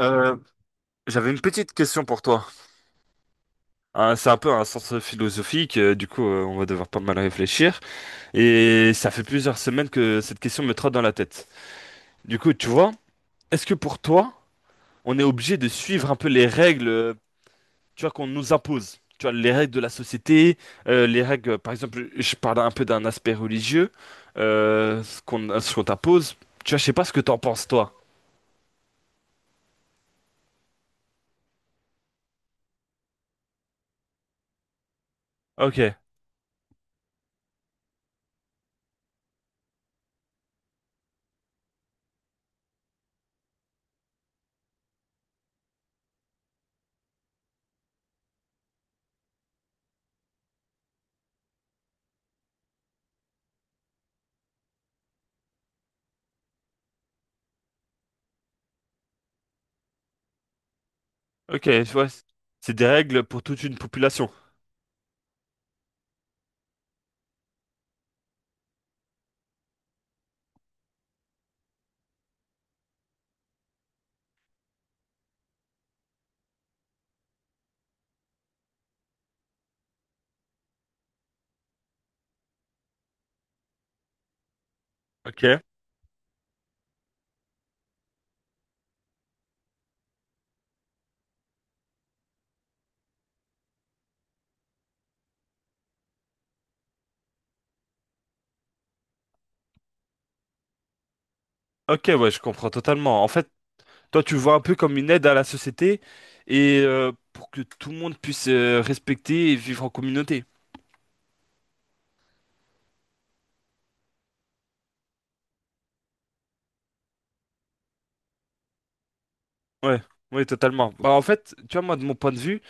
Euh, J'avais une petite question pour toi. Hein, c'est un peu un sens philosophique, du coup on va devoir pas mal réfléchir. Et ça fait plusieurs semaines que cette question me trotte dans la tête. Du coup, tu vois, est-ce que pour toi, on est obligé de suivre un peu les règles, tu vois, qu'on nous impose? Tu vois, les règles de la société, les règles, par exemple, je parle un peu d'un aspect religieux, ce qu'on t'impose. Tu vois, je sais pas ce que t'en penses, toi. Ok, ok, tu vois, c'est des règles pour toute une population. Ok. Ok, ouais, je comprends totalement. En fait, toi, tu le vois un peu comme une aide à la société et pour que tout le monde puisse respecter et vivre en communauté. Ouais, ouais, totalement. Bah, en fait, tu vois, moi, de mon point de vue,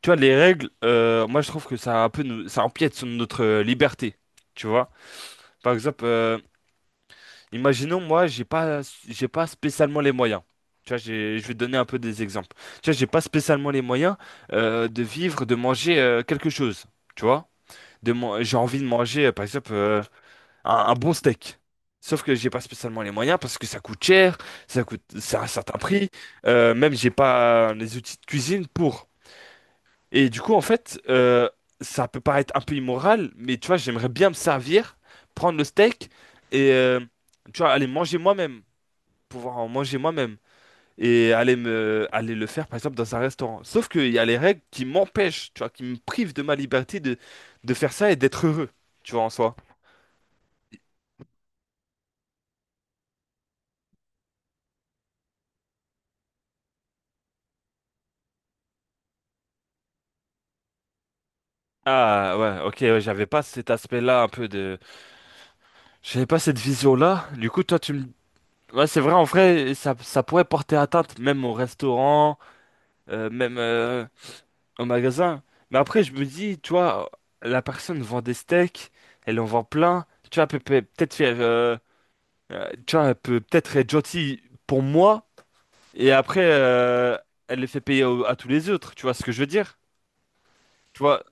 tu vois, les règles, moi, je trouve que ça un peu, ça empiète sur notre liberté. Tu vois, par exemple, imaginons, moi, j'ai pas spécialement les moyens. Tu vois, je vais te donner un peu des exemples. Tu vois, j'ai pas spécialement les moyens de vivre, de manger quelque chose. Tu vois? J'ai envie de manger, par exemple, un bon steak. Sauf que j'ai pas spécialement les moyens parce que ça coûte cher, ça coûte, c'est un certain prix. Même j'ai pas les outils de cuisine pour. Et du coup, en fait, ça peut paraître un peu immoral, mais tu vois, j'aimerais bien me servir, prendre le steak et tu vois, aller manger moi-même, pouvoir en manger moi-même et aller le faire, par exemple, dans un restaurant. Sauf qu'il y a les règles qui m'empêchent, tu vois, qui me privent de ma liberté de faire ça et d'être heureux, tu vois, en soi. Ah ouais, ok, ouais, j'avais pas cet aspect-là un peu de. J'avais pas cette vision-là. Du coup, toi, tu me. Ouais, c'est vrai, en vrai, ça pourrait porter atteinte même au restaurant, même au magasin. Mais après, je me dis, tu vois, la personne vend des steaks, elle en vend plein. Tu vois, elle peut peut-être faire. Tu vois, elle peut peut-être être gentille pour moi, et après, elle les fait payer à tous les autres, tu vois ce que je veux dire? Tu vois.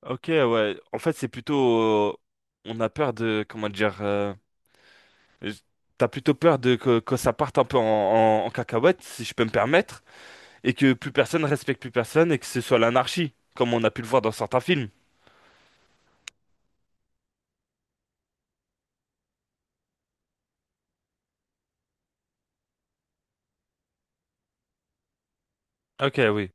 Ok, ouais. En fait, c'est plutôt. euh, on a peur de. Comment dire. J- T'as plutôt peur de que ça parte un peu en cacahuète, si je peux me permettre, et que plus personne respecte plus personne et que ce soit l'anarchie, comme on a pu le voir dans certains films. Ok, oui.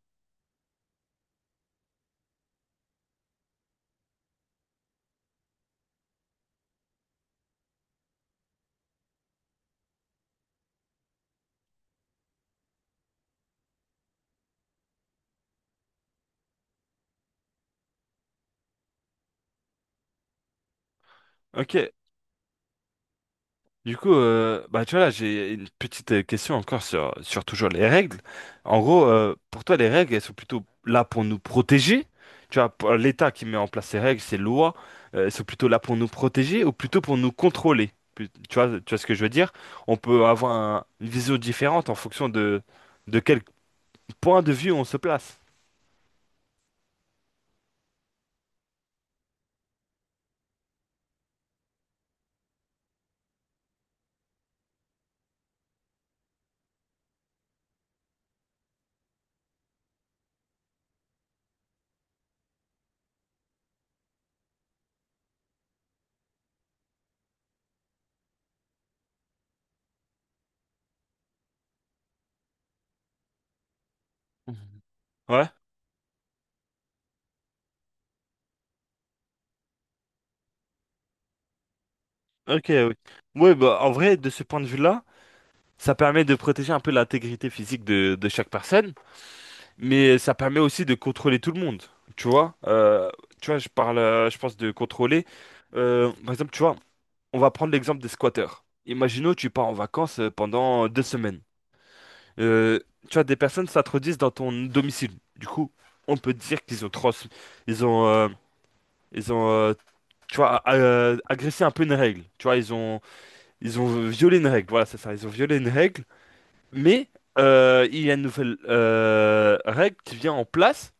Ok. Du coup, bah tu vois là, j'ai une petite question encore sur toujours les règles. En gros, pour toi, les règles, elles sont plutôt là pour nous protéger. Tu vois, pour l'État qui met en place ces règles, ces lois, elles sont plutôt là pour nous protéger ou plutôt pour nous contrôler. Tu vois ce que je veux dire? On peut avoir une vision différente en fonction de quel point de vue on se place. Mhm. Ouais, ok, oui. Oui, bah, en vrai, de ce point de vue-là, ça permet de protéger un peu l'intégrité physique de chaque personne. Mais ça permet aussi de contrôler tout le monde, tu vois. Tu vois, je parle, je pense de contrôler. Par exemple, tu vois, on va prendre l'exemple des squatteurs. Imaginons, tu pars en vacances pendant 2 semaines. Euh, Tu vois, des personnes s'introduisent dans ton domicile. Du coup, on peut dire qu'ils ont trans, ils ont, euh, ils ont, tu vois, agressé un peu une règle. Tu vois, ils ont violé une règle. Voilà, c'est ça. Ils ont violé une règle. Mais il y a une nouvelle règle qui vient en place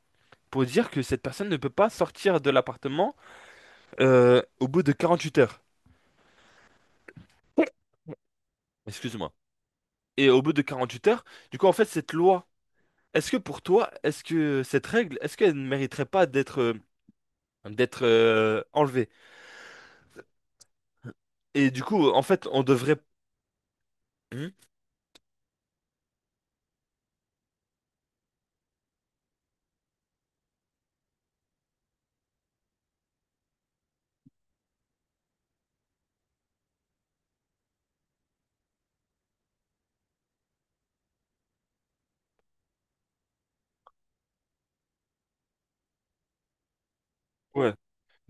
pour dire que cette personne ne peut pas sortir de l'appartement au bout de 48 heures. Excuse-moi. Et au bout de 48 heures, du coup, en fait, cette loi, est-ce que pour toi, est-ce que cette règle, est-ce qu'elle ne mériterait pas d'être enlevée? Et du coup, en fait, on devrait. Hmm. Ouais,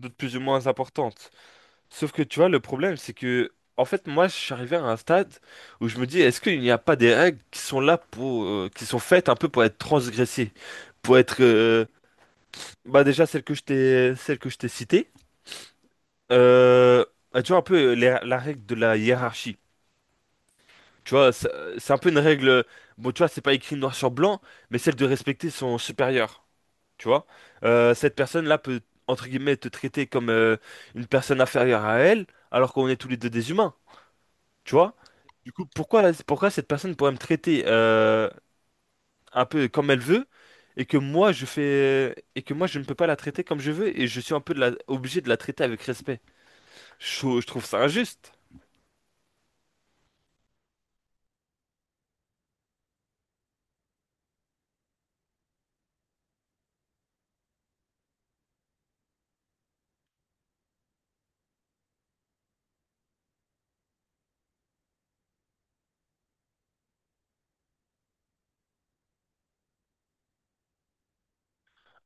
d'autres plus ou moins importantes. Sauf que, tu vois, le problème, c'est que, en fait, moi, je suis arrivé à un stade où je me dis, est-ce qu'il n'y a pas des règles qui sont là pour. Qui sont faites un peu pour être transgressées, pour être. Bah déjà celle que je t'ai citée. Euh, Bah, tu vois un peu la règle de la hiérarchie. Tu vois, c'est un peu une règle. Bon, tu vois, c'est pas écrit noir sur blanc, mais celle de respecter son supérieur. Tu vois. Cette personne-là peut entre guillemets te traiter comme une personne inférieure à elle, alors qu'on est tous les deux des humains. Tu vois. Du coup, pourquoi pourquoi cette personne pourrait me traiter un peu comme elle veut et que moi je fais et que moi je ne peux pas la traiter comme je veux et je suis un peu obligé de la traiter avec respect. Je trouve ça injuste.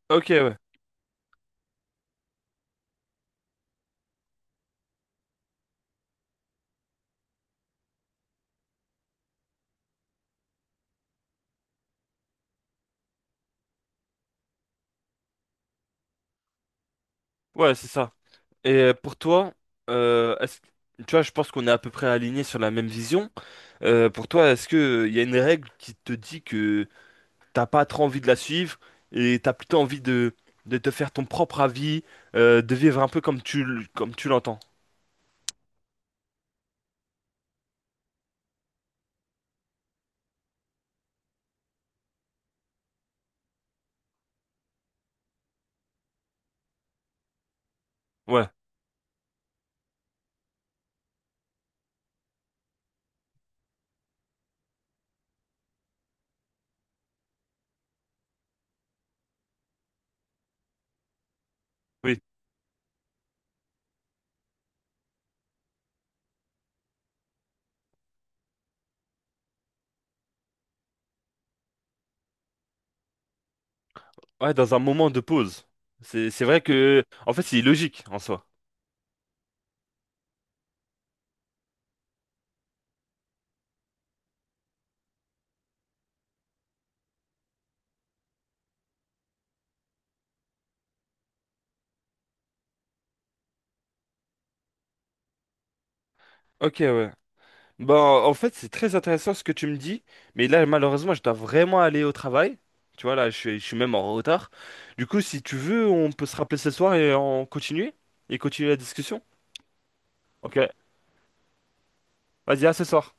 Ok, ouais. Ouais, c'est ça. Et pour toi, euh, est-ce- tu vois, je pense qu'on est à peu près alignés sur la même vision. Pour toi, est-ce que il y a une règle qui te dit que t'as pas trop envie de la suivre et t'as plutôt envie de te faire ton propre avis, de vivre un peu comme tu l'entends? Ouais, oui. Ouais, dans un moment de pause. C'est vrai que, en fait, c'est illogique en soi. Ok, ouais. Ben, en fait, c'est très intéressant ce que tu me dis, mais là, malheureusement, je dois vraiment aller au travail. Tu vois, là, je suis même en retard. Du coup, si tu veux, on peut se rappeler ce soir et continuer la discussion. Ok, vas-y, à ce soir.